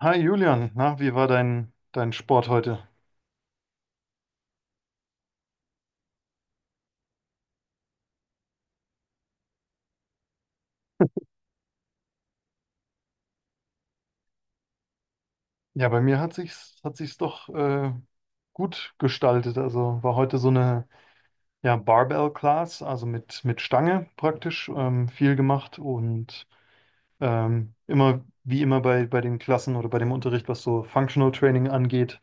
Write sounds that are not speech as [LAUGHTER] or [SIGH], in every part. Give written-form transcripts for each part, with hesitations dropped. Hi Julian, na, wie war dein Sport heute? Ja, bei mir hat sich's doch gut gestaltet. Also war heute so eine ja, Barbell-Class, also mit Stange praktisch, viel gemacht und immer wie immer bei den Klassen oder bei dem Unterricht, was so Functional Training angeht,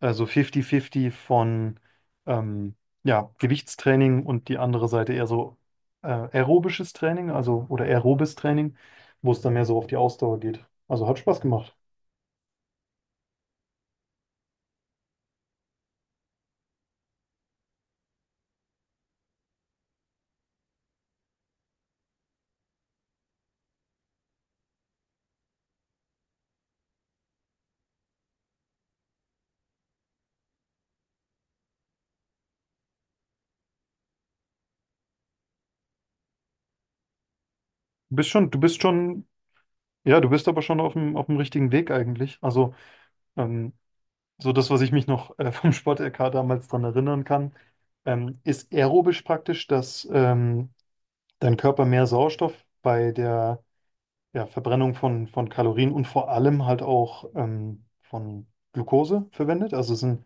also 50-50 von ähm, ja, Gewichtstraining und die andere Seite eher so aerobisches Training, also oder aerobes Training, wo es dann mehr so auf die Ausdauer geht. Also hat Spaß gemacht. Du bist schon, ja, du bist aber schon auf dem richtigen Weg eigentlich. Also ähm, so das, was ich mich noch vom Sport-LK damals dran erinnern kann, ist aerobisch praktisch, dass dein Körper mehr Sauerstoff bei der ja, Verbrennung von Kalorien und vor allem halt auch von Glucose verwendet. Also es sind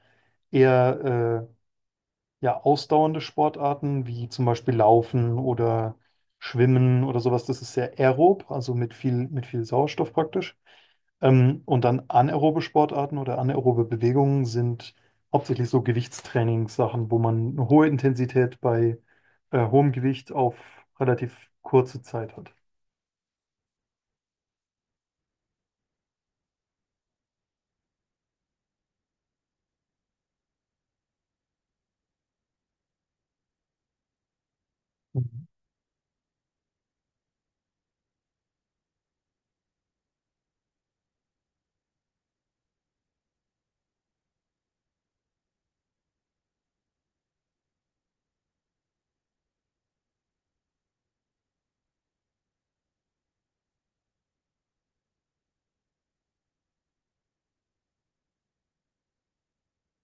eher ja, ausdauernde Sportarten wie zum Beispiel Laufen oder Schwimmen oder sowas, das ist sehr aerob, also mit viel Sauerstoff praktisch. Und dann anaerobe Sportarten oder anaerobe Bewegungen sind hauptsächlich so Gewichtstrainingssachen, wo man eine hohe Intensität bei hohem Gewicht auf relativ kurze Zeit hat. Mhm.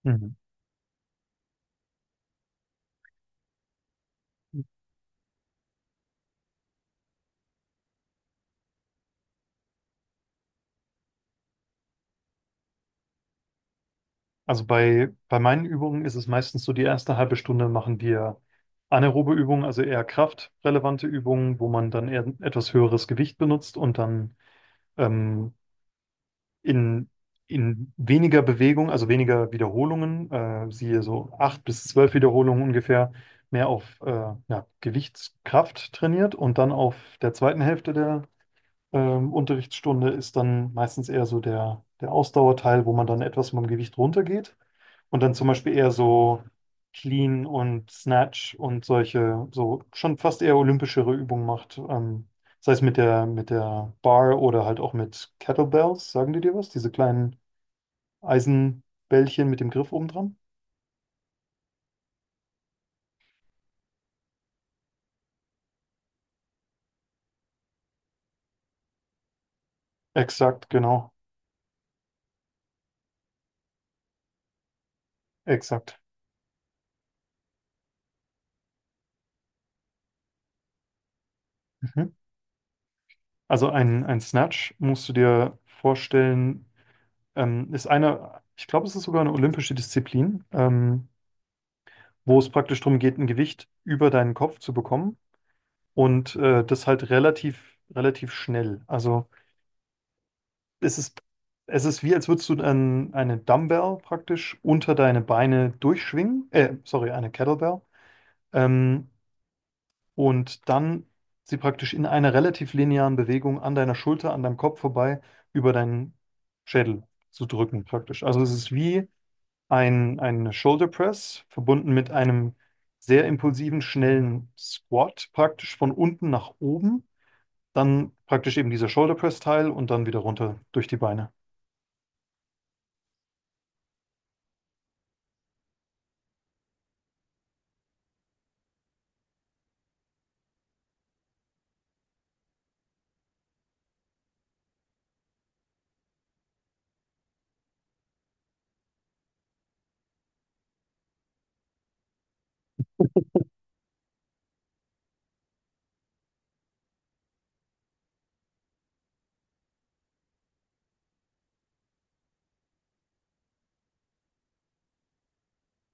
Mhm. Also bei meinen Übungen ist es meistens so, die erste halbe Stunde machen wir anaerobe Übungen, also eher kraftrelevante Übungen, wo man dann eher etwas höheres Gewicht benutzt und dann ähm, in, in weniger Bewegung, also weniger Wiederholungen, siehe so acht bis zwölf Wiederholungen ungefähr, mehr auf ja, Gewichtskraft trainiert und dann auf der zweiten Hälfte der Unterrichtsstunde ist dann meistens eher so der Ausdauerteil, wo man dann etwas vom Gewicht runtergeht und dann zum Beispiel eher so Clean und Snatch und solche, so schon fast eher olympischere Übungen macht. Sei es mit der Bar oder halt auch mit Kettlebells, sagen die dir was? Diese kleinen Eisenbällchen mit dem Griff oben dran? Exakt, genau, exakt. Mhm. Also ein Snatch musst du dir vorstellen. Ist eine, ich glaube, es ist sogar eine olympische Disziplin, wo es praktisch darum geht, ein Gewicht über deinen Kopf zu bekommen und das halt relativ schnell. Also es ist, es ist wie, als würdest du ein, eine Dumbbell praktisch unter deine Beine durchschwingen, sorry, eine Kettlebell, ähm, und dann sie praktisch in einer relativ linearen Bewegung an deiner Schulter, an deinem Kopf vorbei über deinen Schädel zu drücken praktisch. Also es ist wie ein Shoulder Press verbunden mit einem sehr impulsiven, schnellen Squat, praktisch von unten nach oben, dann praktisch eben dieser Shoulder Press Teil und dann wieder runter durch die Beine.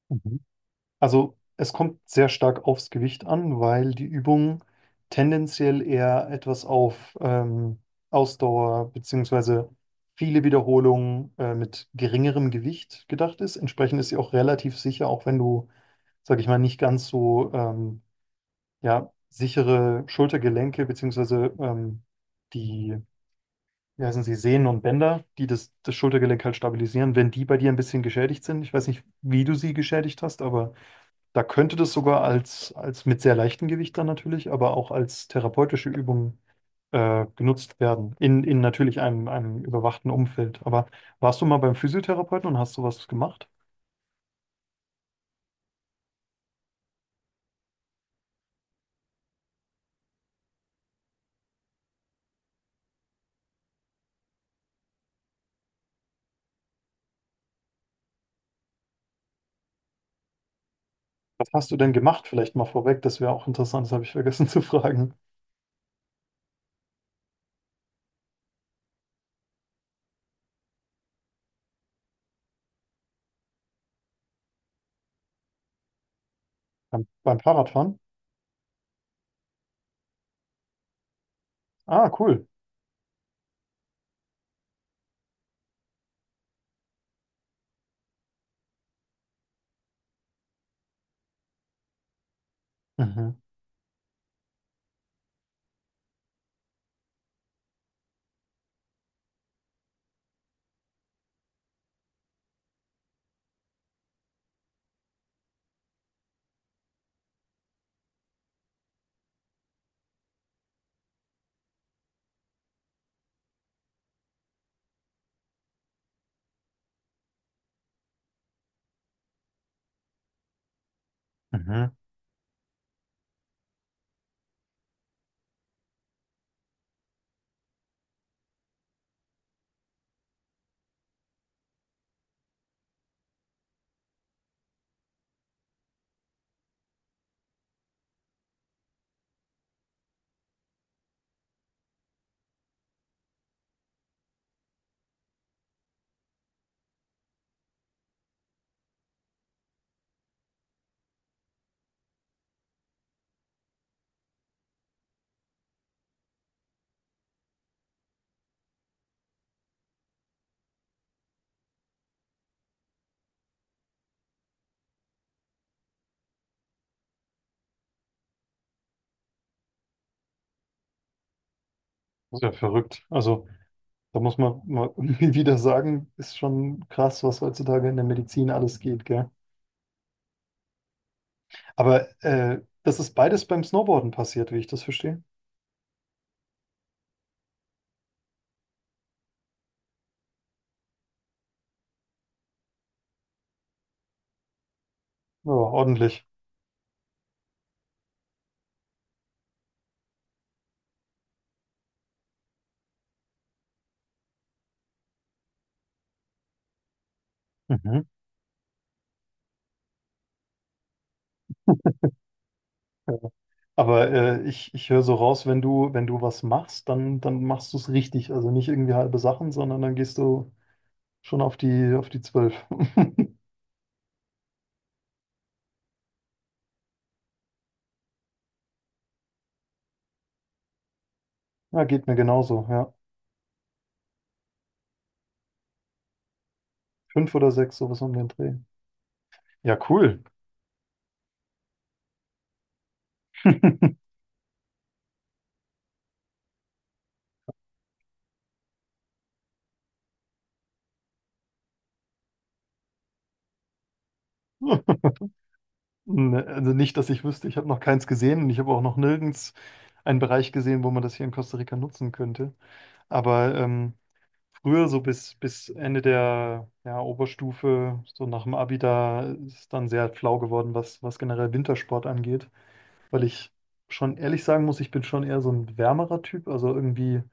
Mhm. Also es kommt sehr stark aufs Gewicht an, weil die Übung tendenziell eher etwas auf Ausdauer beziehungsweise viele Wiederholungen mit geringerem Gewicht gedacht ist. Entsprechend ist sie auch relativ sicher, auch wenn du, sag ich mal, nicht ganz so ja, sichere Schultergelenke beziehungsweise die, wie heißen sie, Sehnen und Bänder, die das Schultergelenk halt stabilisieren, wenn die bei dir ein bisschen geschädigt sind. Ich weiß nicht, wie du sie geschädigt hast, aber da könnte das sogar als, als mit sehr leichtem Gewicht dann natürlich, aber auch als therapeutische Übung genutzt werden, in natürlich einem, einem überwachten Umfeld. Aber warst du mal beim Physiotherapeuten und hast sowas gemacht? Was hast du denn gemacht? Vielleicht mal vorweg, das wäre auch interessant, das habe ich vergessen [LAUGHS] zu fragen. Beim Fahrradfahren? Ah, cool. Mhm. Mhm. Ist ja verrückt. Also, da muss man mal [LAUGHS] irgendwie wieder sagen, ist schon krass, was heutzutage in der Medizin alles geht, gell? Aber das ist beides beim Snowboarden passiert, wie ich das verstehe. Ja, ordentlich. Mhm. Ja. Aber ich höre so raus, wenn du was machst, dann, dann machst du es richtig. Also nicht irgendwie halbe Sachen, sondern dann gehst du schon auf die zwölf. [LAUGHS] Ja, geht mir genauso, ja. Fünf oder sechs, sowas um den Dreh. Ja, cool. [LAUGHS] Ne, also nicht, dass ich wüsste, ich habe noch keins gesehen und ich habe auch noch nirgends einen Bereich gesehen, wo man das hier in Costa Rica nutzen könnte. Aber früher, so bis Ende der ja, Oberstufe, so nach dem Abi, da ist dann sehr flau geworden, was generell Wintersport angeht. Weil ich schon ehrlich sagen muss, ich bin schon eher so ein wärmerer Typ. Also irgendwie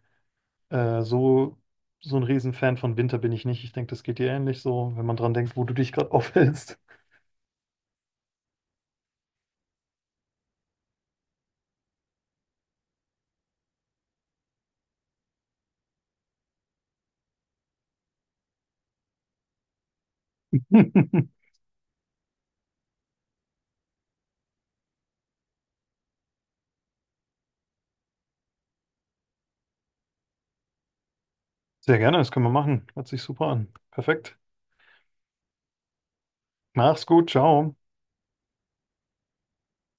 äh, so, so ein Riesenfan von Winter bin ich nicht. Ich denke, das geht dir ähnlich so, wenn man dran denkt, wo du dich gerade aufhältst. [LAUGHS] Sehr gerne, das können wir machen. Hört sich super an. Perfekt. Mach's gut, ciao.